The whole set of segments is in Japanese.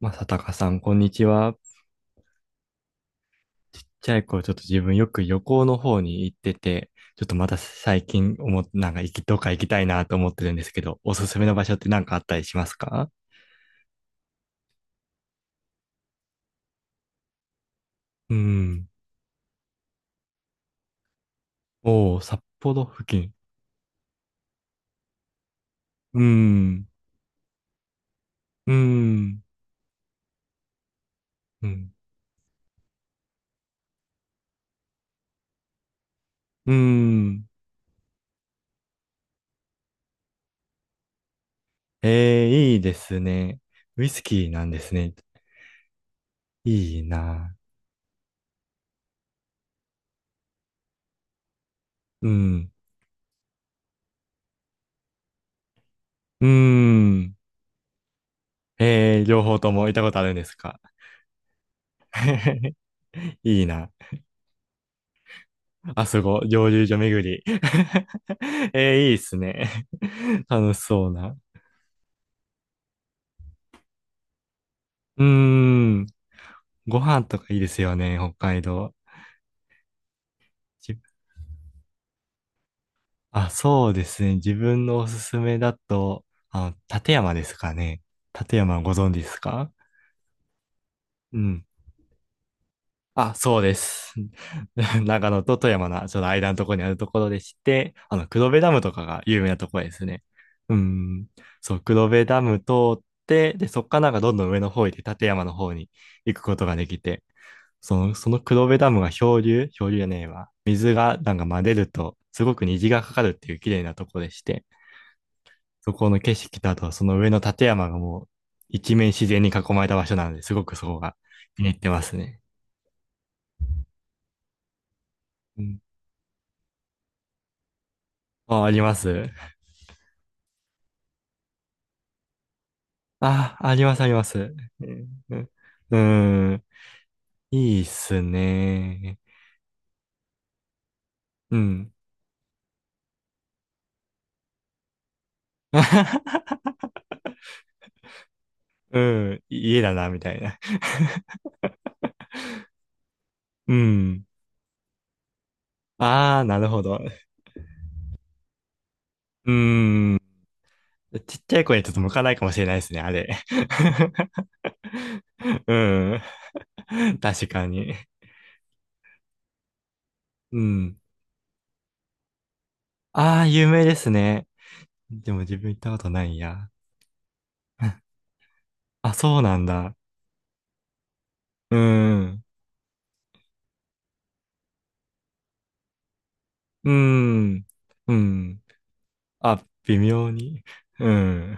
まさたかさん、こんにちは。ちっちゃい頃、ちょっと自分よく旅行の方に行ってて、ちょっとまた最近思っ、なんか行き、どっか行きたいなと思ってるんですけど、おすすめの場所って何かあったりしますか？うん。おー、札幌付近。うん。うん。うん。うん。えー、いいですね。ウイスキーなんですね。いいな。うん。うん。えー、両方とも行ったことあるんですか？ いいな。あそこ、蒸留所巡り。えー、いいっすね。楽しそうな。うーん。ご飯とかいいですよね、北海道。じあ、そうですね。自分のおすすめだと、立山ですかね。立山ご存知ですか？うん。あ、そうです。長野と富山のちょっと間のところにあるところでして、黒部ダムとかが有名なところですね。うん。そう、黒部ダム通って、で、そっからなんかどんどん上の方行って、立山の方に行くことができて、その、その黒部ダムが漂流漂流じゃねえわ。水がなんか混ぜると、すごく虹がかかるっていう綺麗なところでして、そこの景色とあと、その上の立山がもう一面自然に囲まれた場所なので、すごくそこが気に入ってますね。うん。あ、あります。あ、あります、あります。うん。うん。いいっすね。うん。うん。家だな、みたいな。うん。ああ、なるほど。うん。ちっちゃい子にちょっと向かないかもしれないですね、あれ。うん。確かに。うん。ああ、有名ですね。でも自分行ったことないや。あ、そうなんだ。うん。うん。うん。あ、微妙に。うん。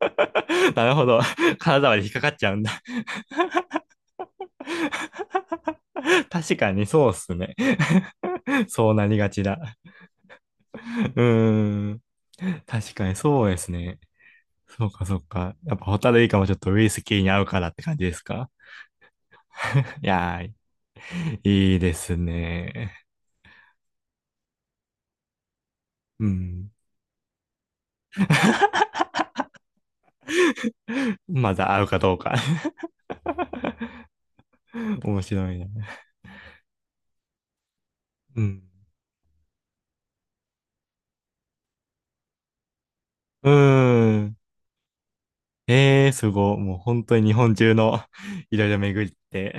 なるほど。体まで引っかかっちゃうんだ。確かにそうっすね。そうなりがちだ。うーん。確かにそうですね。そうかそうか。やっぱホタルイカもちょっとウイスキーに合うからって感じですか？いやー、いいですね。うん。まだ合うかどうか。 面白いな。うん。うーん。ええー、すごい。もう本当に日本中の いろいろ巡って。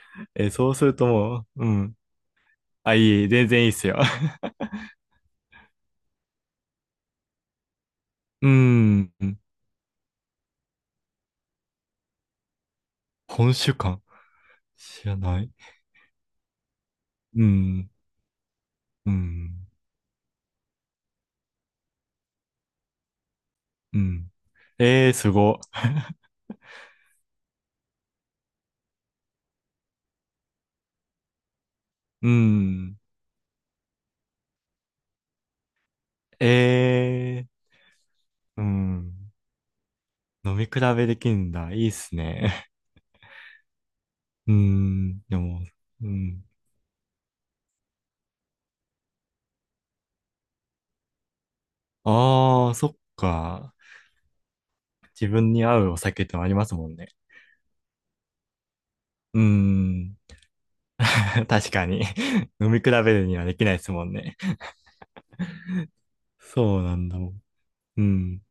え、そうするともう、うん。あ、いい、全然いいっすよ。うん。本主間知らない。うん。うん。うん。ええー、すご。うん。ええー、うん。飲み比べできるんだ。いいっすね。うん。でも、うん。ああ、そっか。自分に合うお酒ってのありますもんね。うん。確かに。飲み比べるにはできないですもんね。そうなんだもん。うん。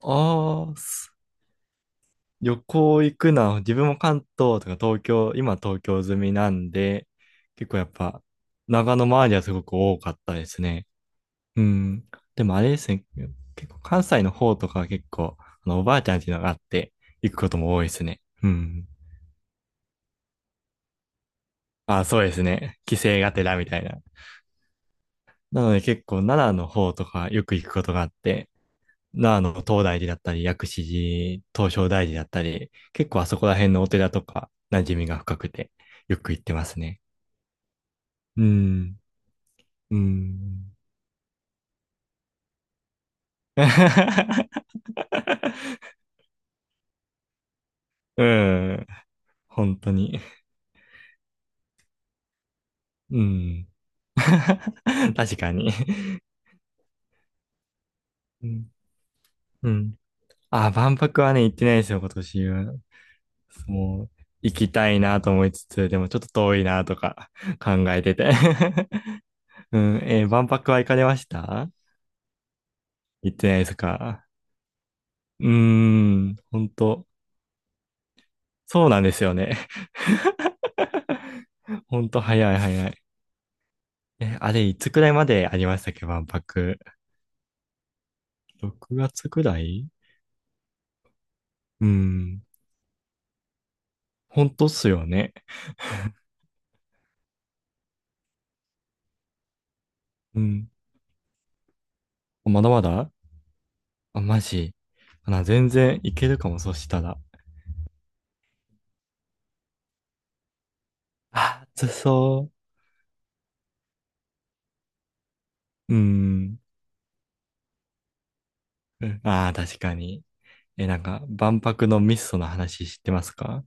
ああ、す旅行行くのは、自分も関東とか東京、今東京済みなんで、結構やっぱ、長野周りはすごく多かったですね。うん。でもあれですね、結構関西の方とかは結構、おばあちゃんっていうのがあって、行くことも多いですね。うん。あ、そうですね。帰省がてらみたいな。なので結構奈良の方とかよく行くことがあって、奈良の東大寺だったり、薬師寺、東照大寺だったり、結構あそこら辺のお寺とか馴染みが深くて、よく行ってますね。うん。うん。うん。本当に。うん。確かに。うん。うん。あ、万博はね、行ってないですよ、今年は。もう、行きたいなと思いつつ、でもちょっと遠いなとか考えてて。うん。万博は行かれました？行ってないですか？うーん。本当。そうなんですよね。本当早い早い。え、あれ、いつくらいまでありましたっけ、万博。6月くらい。うん。ほんとっすよね。うん。まだまだ。あ、マジ。全然いけるかも、そしたら。あ、暑そう。うん。うん。ああ、確かに。え、なんか、万博のミストの話知ってますか？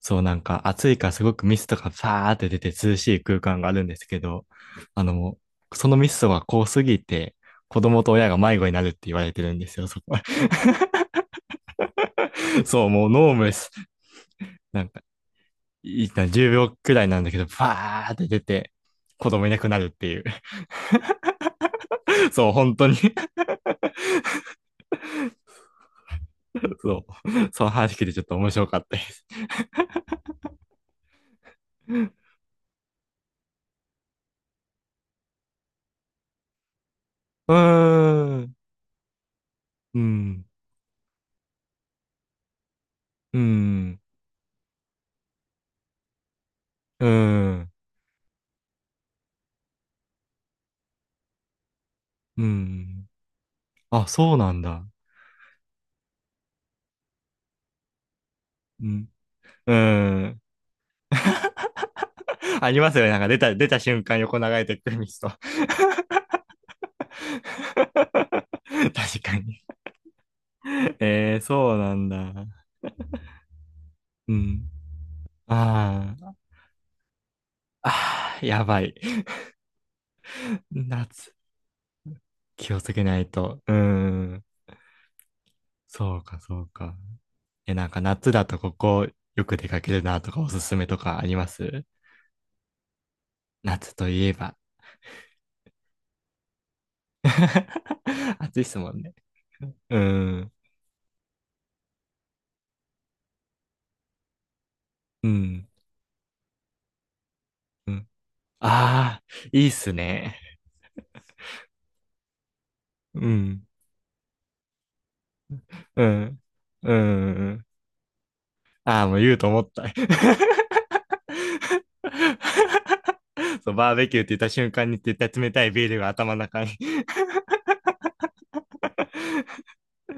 そう、なんか、暑いからすごくミストがファーって出て涼しい空間があるんですけど、あの、もそのミストが濃すぎて、子供と親が迷子になるって言われてるんですよ、そこ。そう、もうノームです。なんかいいな、10秒くらいなんだけど、バーって出て、子供いなくなるっていう。そう、本当に。 そう。その話聞いてちょっと面白かったです。うーん。うん。うん。うん。うん。あ、そうなんだ。うん。うん。ありますよね。なんか出た瞬間横流れてくるミスト。確かに。えー、そうなんだ。うん。あーあー、やばい。夏、気をつけないと。うん。そうか、そうか。え、なんか夏だとここよく出かけるなとかおすすめとかあります？夏といえば。暑いっすもんね。うん、うん、うん。ああ、いいっすね。うん、うん、うん。ああ、もう言うと思った。そう、バーベキューって言った瞬間に絶対冷たいビールが頭の中に。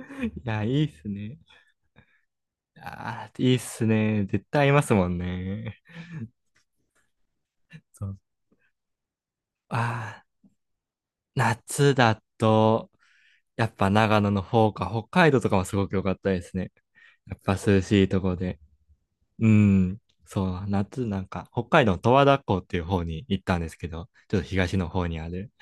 いや、いいっすね。ああ、いいっすね。絶対合いますもんね。そう。ああ。夏だと、やっぱ長野の方か、北海道とかもすごく良かったですね。やっぱ涼しいとこで。うん。そう、夏なんか、北海道の十和田湖っていう方に行ったんですけど、ちょっと東の方にある。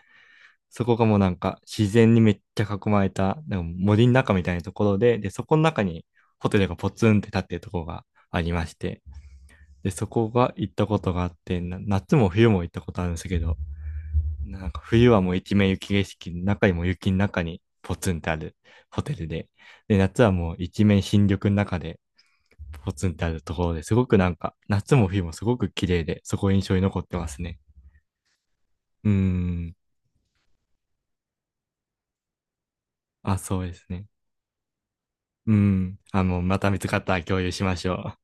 そこがもうなんか自然にめっちゃ囲まれた、でも森の中みたいなところで、で、そこの中にホテルがポツンって立ってるところがありまして、で、そこが行ったことがあって、夏も冬も行ったことあるんですけど、なんか冬はもう一面雪景色の中にも雪の中にポツンってあるホテルで、で、夏はもう一面新緑の中でポツンってあるところですごくなんか夏も冬もすごく綺麗で、そこ印象に残ってますね。うーん。あ、そうですね。うん。あ、もうまた見つかったら共有しましょう。